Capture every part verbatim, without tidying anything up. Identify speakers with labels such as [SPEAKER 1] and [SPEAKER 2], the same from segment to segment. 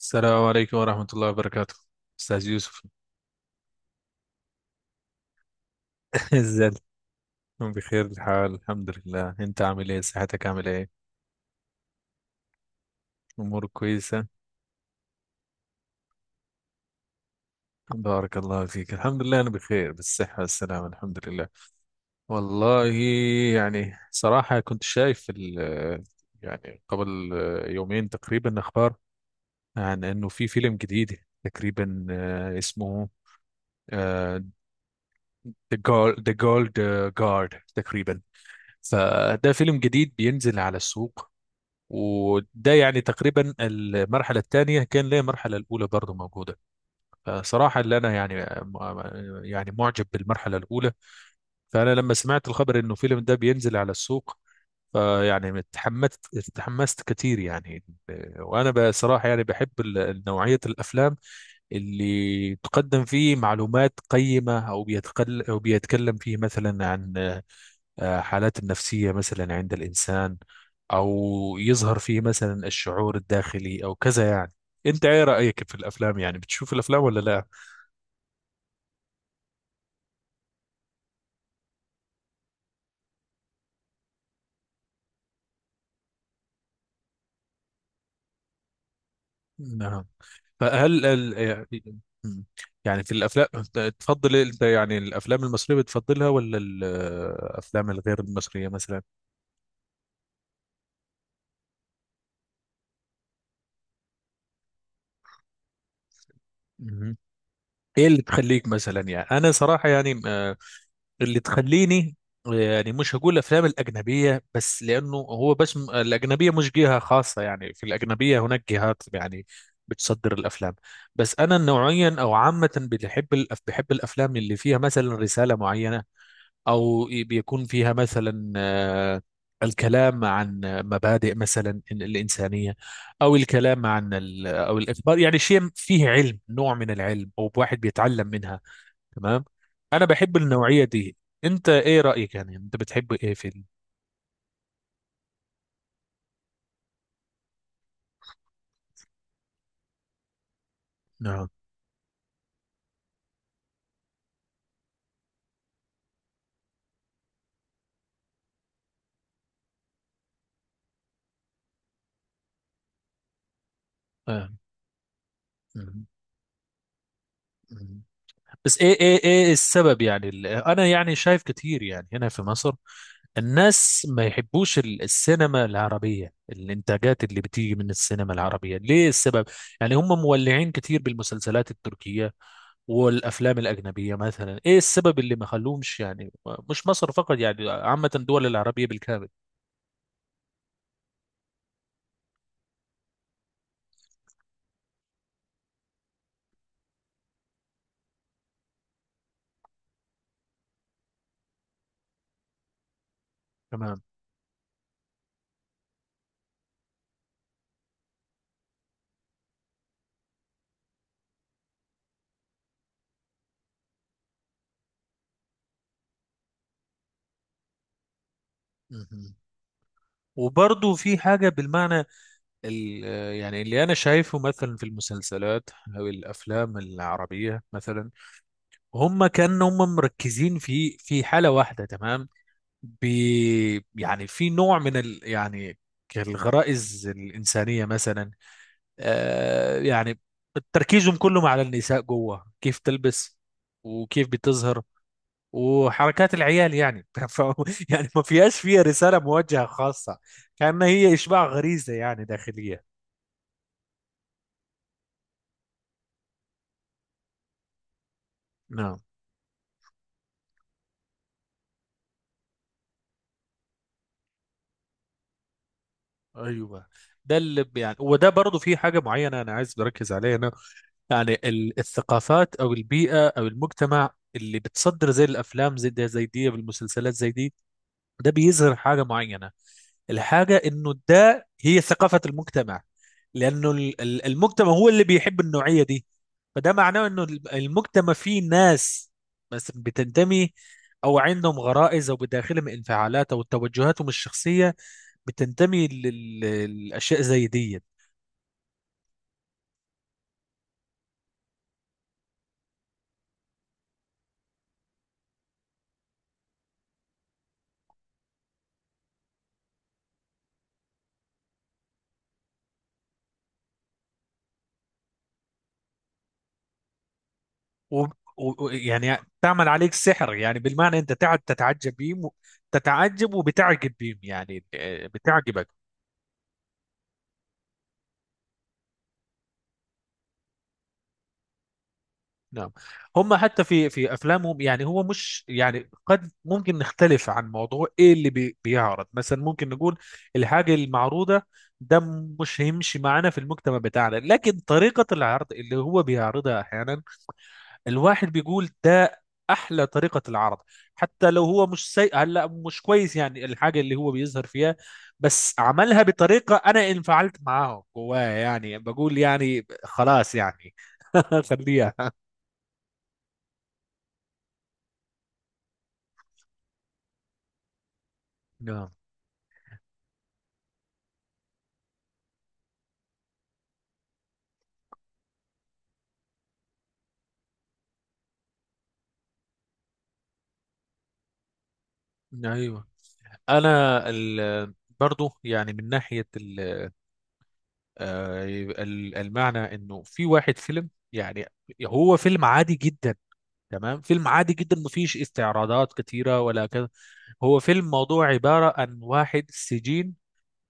[SPEAKER 1] السلام عليكم ورحمة الله وبركاته، أستاذ يوسف. ازاي؟ بخير الحال، الحمد لله. أنت عامل إيه؟ صحتك عامل إيه؟ أمورك كويسة؟ بارك الله فيك، الحمد لله أنا بخير بالصحة والسلامة، الحمد لله. والله يعني صراحة كنت شايف ال- يعني قبل يومين تقريبا أخبار عن إنه في فيلم جديد تقريبا، آه، اسمه آه، The Gold The Gold Guard تقريبا. فده فيلم جديد بينزل على السوق، وده يعني تقريبا المرحلة الثانية، كان ليه المرحلة الأولى برضه موجودة. فصراحة اللي أنا يعني يعني معجب بالمرحلة الأولى. فأنا لما سمعت الخبر إنه الفيلم ده بينزل على السوق، فيعني اتحمست اتحمست كتير يعني. وأنا بصراحة يعني بحب ال- نوعية الأفلام اللي تقدم فيه معلومات قيمة، أو بيتقل، أو بيتكلم فيه مثلا عن آه، حالات النفسية مثلا عند الإنسان، أو يظهر فيه مثلا الشعور الداخلي أو كذا يعني. أنت إيه رأيك في الأفلام؟ يعني بتشوف الأفلام ولا لا؟ نعم. فهل ال... يعني يعني في الأفلام، تفضل أنت يعني الأفلام المصرية بتفضلها ولا الأفلام الغير المصرية مثلا؟ مهم. إيه اللي تخليك مثلا؟ يعني أنا صراحة يعني آه، اللي تخليني يعني مش هقول افلام الاجنبيه بس، لانه هو بس م- الاجنبيه مش جهه خاصه، يعني في الاجنبيه هناك جهات يعني بتصدر الافلام. بس انا نوعيا او عامه بحب الأف- بحب الافلام اللي فيها مثلا رساله معينه، او ي- بيكون فيها مثلا آه، الكلام عن مبادئ مثلا ال- الانسانيه، او الكلام عن ال- او الاخبار، يعني شيء فيه علم، نوع من العلم، او واحد بيتعلم منها. تمام، انا بحب النوعيه دي. انت ايه رايك؟ يعني انت بتحب ايه في النوع؟ آه. مم. مم. بس ايه ايه ايه السبب؟ يعني ال- انا يعني شايف كتير يعني هنا في مصر الناس ما يحبوش ال- السينما العربيه، الانتاجات اللي بتيجي من السينما العربيه. ليه السبب؟ يعني هم مولعين كتير بالمسلسلات التركيه والافلام الاجنبيه مثلا. ايه السبب اللي ما خلوهمش يعني؟ مش مصر فقط، يعني عامه الدول العربيه بالكامل. تمام. مهم. وبرضه في حاجة بالمعنى ال- يعني اللي أنا شايفه مثلا في المسلسلات أو الأفلام العربية مثلا، هم كانوا هم مركزين في في حالة واحدة تمام. بي يعني في نوع من ال يعني الغرائز الإنسانية مثلا. آه يعني تركيزهم كلهم على النساء، جوه كيف تلبس وكيف بتظهر وحركات العيال يعني ف... يعني ما فيهاش، فيها رسالة موجهة خاصة، كأنها هي إشباع غريزة يعني داخلية. نعم. أيوة. ده اللي ب- يعني، وده برضو في حاجة معينة أنا عايز بركز عليها أنا. يعني ال- الثقافات أو البيئة أو المجتمع اللي بتصدر زي الأفلام زي ده زي دي والمسلسلات زي دي، ده بيظهر حاجة معينة: الحاجة انه ده هي ثقافة المجتمع. لانه ال- ال- المجتمع هو اللي بيحب النوعية دي. فده معناه انه ال- المجتمع فيه ناس بس بتنتمي، او عندهم غرائز، او بداخلهم انفعالات، او توجهاتهم الشخصية بتنتمي لل- للاشياء زي دي. و- و- و- يعني تعمل عليك سحر، يعني بالمعنى انت تقعد تتعجب بيهم و- تتعجب وبتعجب بيهم يعني، آه، بتعجبك. نعم. هم حتى في في افلامهم يعني، هو مش يعني قد ممكن نختلف عن موضوع ايه اللي بي بيعرض مثلا، ممكن نقول الحاجه المعروضه ده مش هيمشي معانا في المجتمع بتاعنا، لكن طريقه العرض اللي هو بيعرضها احيانا الواحد بيقول ده احلى طريقه العرض. حتى لو هو مش سيء، هلا مش كويس يعني الحاجه اللي هو بيظهر فيها، بس عملها بطريقه انا انفعلت معاه جواه، يعني بقول يعني خلاص يعني خليها. نعم. ايوه. انا ال... برضو يعني من ناحيه ال... آه، ال- المعنى انه في واحد فيلم، يعني هو فيلم عادي جدا تمام، فيلم عادي جدا مفيش استعراضات كتيره ولا كذا. هو فيلم موضوع عباره عن واحد سجين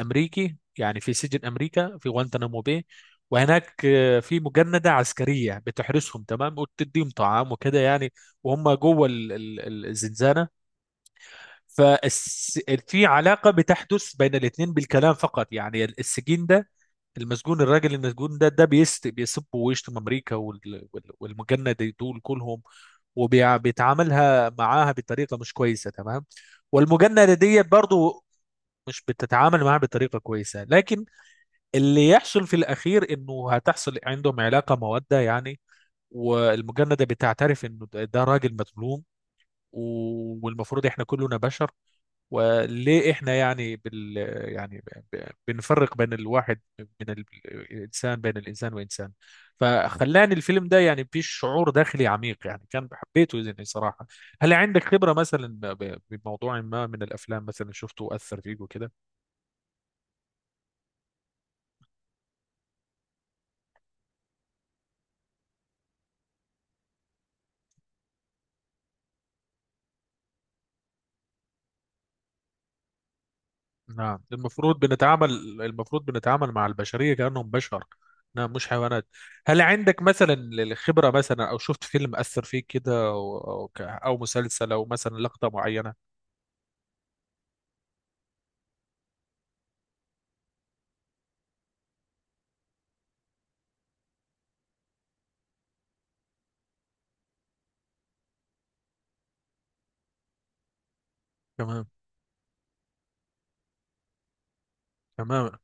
[SPEAKER 1] امريكي يعني في سجن امريكا في غوانتنامو باي. وهناك آه، في مجندة عسكرية بتحرسهم تمام وتديهم طعام وكده يعني. وهم جوه ال- ال- الزنزانة. ففي علاقة بتحدث بين الاثنين بالكلام فقط. يعني السجين ده، المسجون، الراجل المسجون ده ده بيست بيسب ويشتم أمريكا وال- وال- والمجند دول كلهم، وبيتعاملها معاها بطريقة مش كويسة تمام. والمجندة دي برضو مش بتتعامل معاها بطريقة كويسة، لكن اللي يحصل في الأخير إنه هتحصل عندهم علاقة مودة يعني. والمجندة بتعترف إنه ده ده راجل مظلوم، والمفروض إحنا كلنا بشر. وليه احنا يعني بال يعني ب- ب- بنفرق بين الواحد من ال- الانسان، بين الانسان وانسان. فخلاني الفيلم ده يعني فيه شعور داخلي عميق يعني، كان حبيته يعني صراحة. هل عندك خبرة مثلا ب- بموضوع ما من الافلام مثلا شفته اثر فيك وكده؟ نعم، المفروض بنتعامل المفروض بنتعامل مع البشرية كأنهم بشر. نعم مش حيوانات. هل عندك مثلا الخبرة، مثلا او شفت فيلم اثر فيك كده، او او ك- أو مسلسل، او مثلا لقطة معينة؟ تمام. تماما.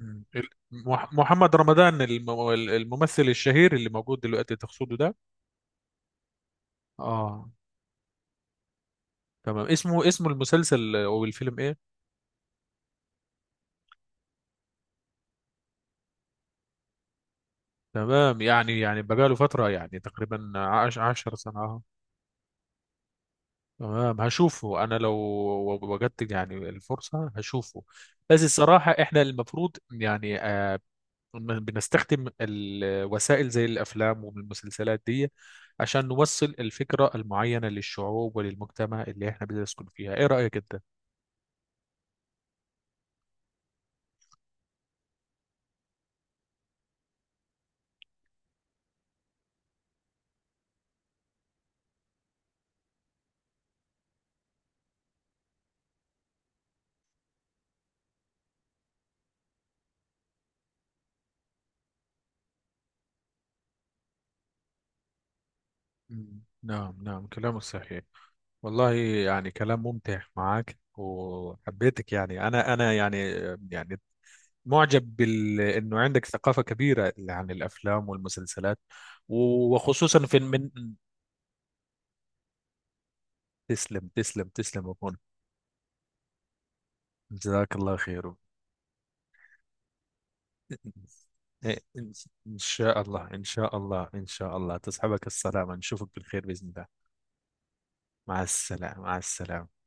[SPEAKER 1] مم. ال- مح- محمد رمضان الم- الممثل الشهير اللي موجود دلوقتي تقصده ده؟ اه تمام. اسمه، اسم المسلسل او الفيلم ايه؟ تمام يعني، يعني بقاله فترة، يعني تقريبا عش عشر سنين. اه تمام. هشوفه انا لو وجدت يعني الفرصة هشوفه. بس الصراحة احنا المفروض يعني آه، بنستخدم الوسائل زي الأفلام والمسلسلات دي عشان نوصل الفكرة المعينة للشعوب وللمجتمع اللي احنا بنسكن فيها. ايه رأيك انت؟ مم. نعم نعم كلامه صحيح. والله يعني كلام ممتع معك وحبيتك يعني، انا انا يعني يعني معجب بال انه عندك ثقافة كبيرة عن الافلام والمسلسلات، وخصوصا في من... تسلم تسلم تسلم يا أخونا. جزاك الله خير. إيه، إن إن شاء الله إن شاء الله إن شاء الله، تصحبك السلامة، نشوفك بالخير بإذن الله. مع السلامة مع السلامة.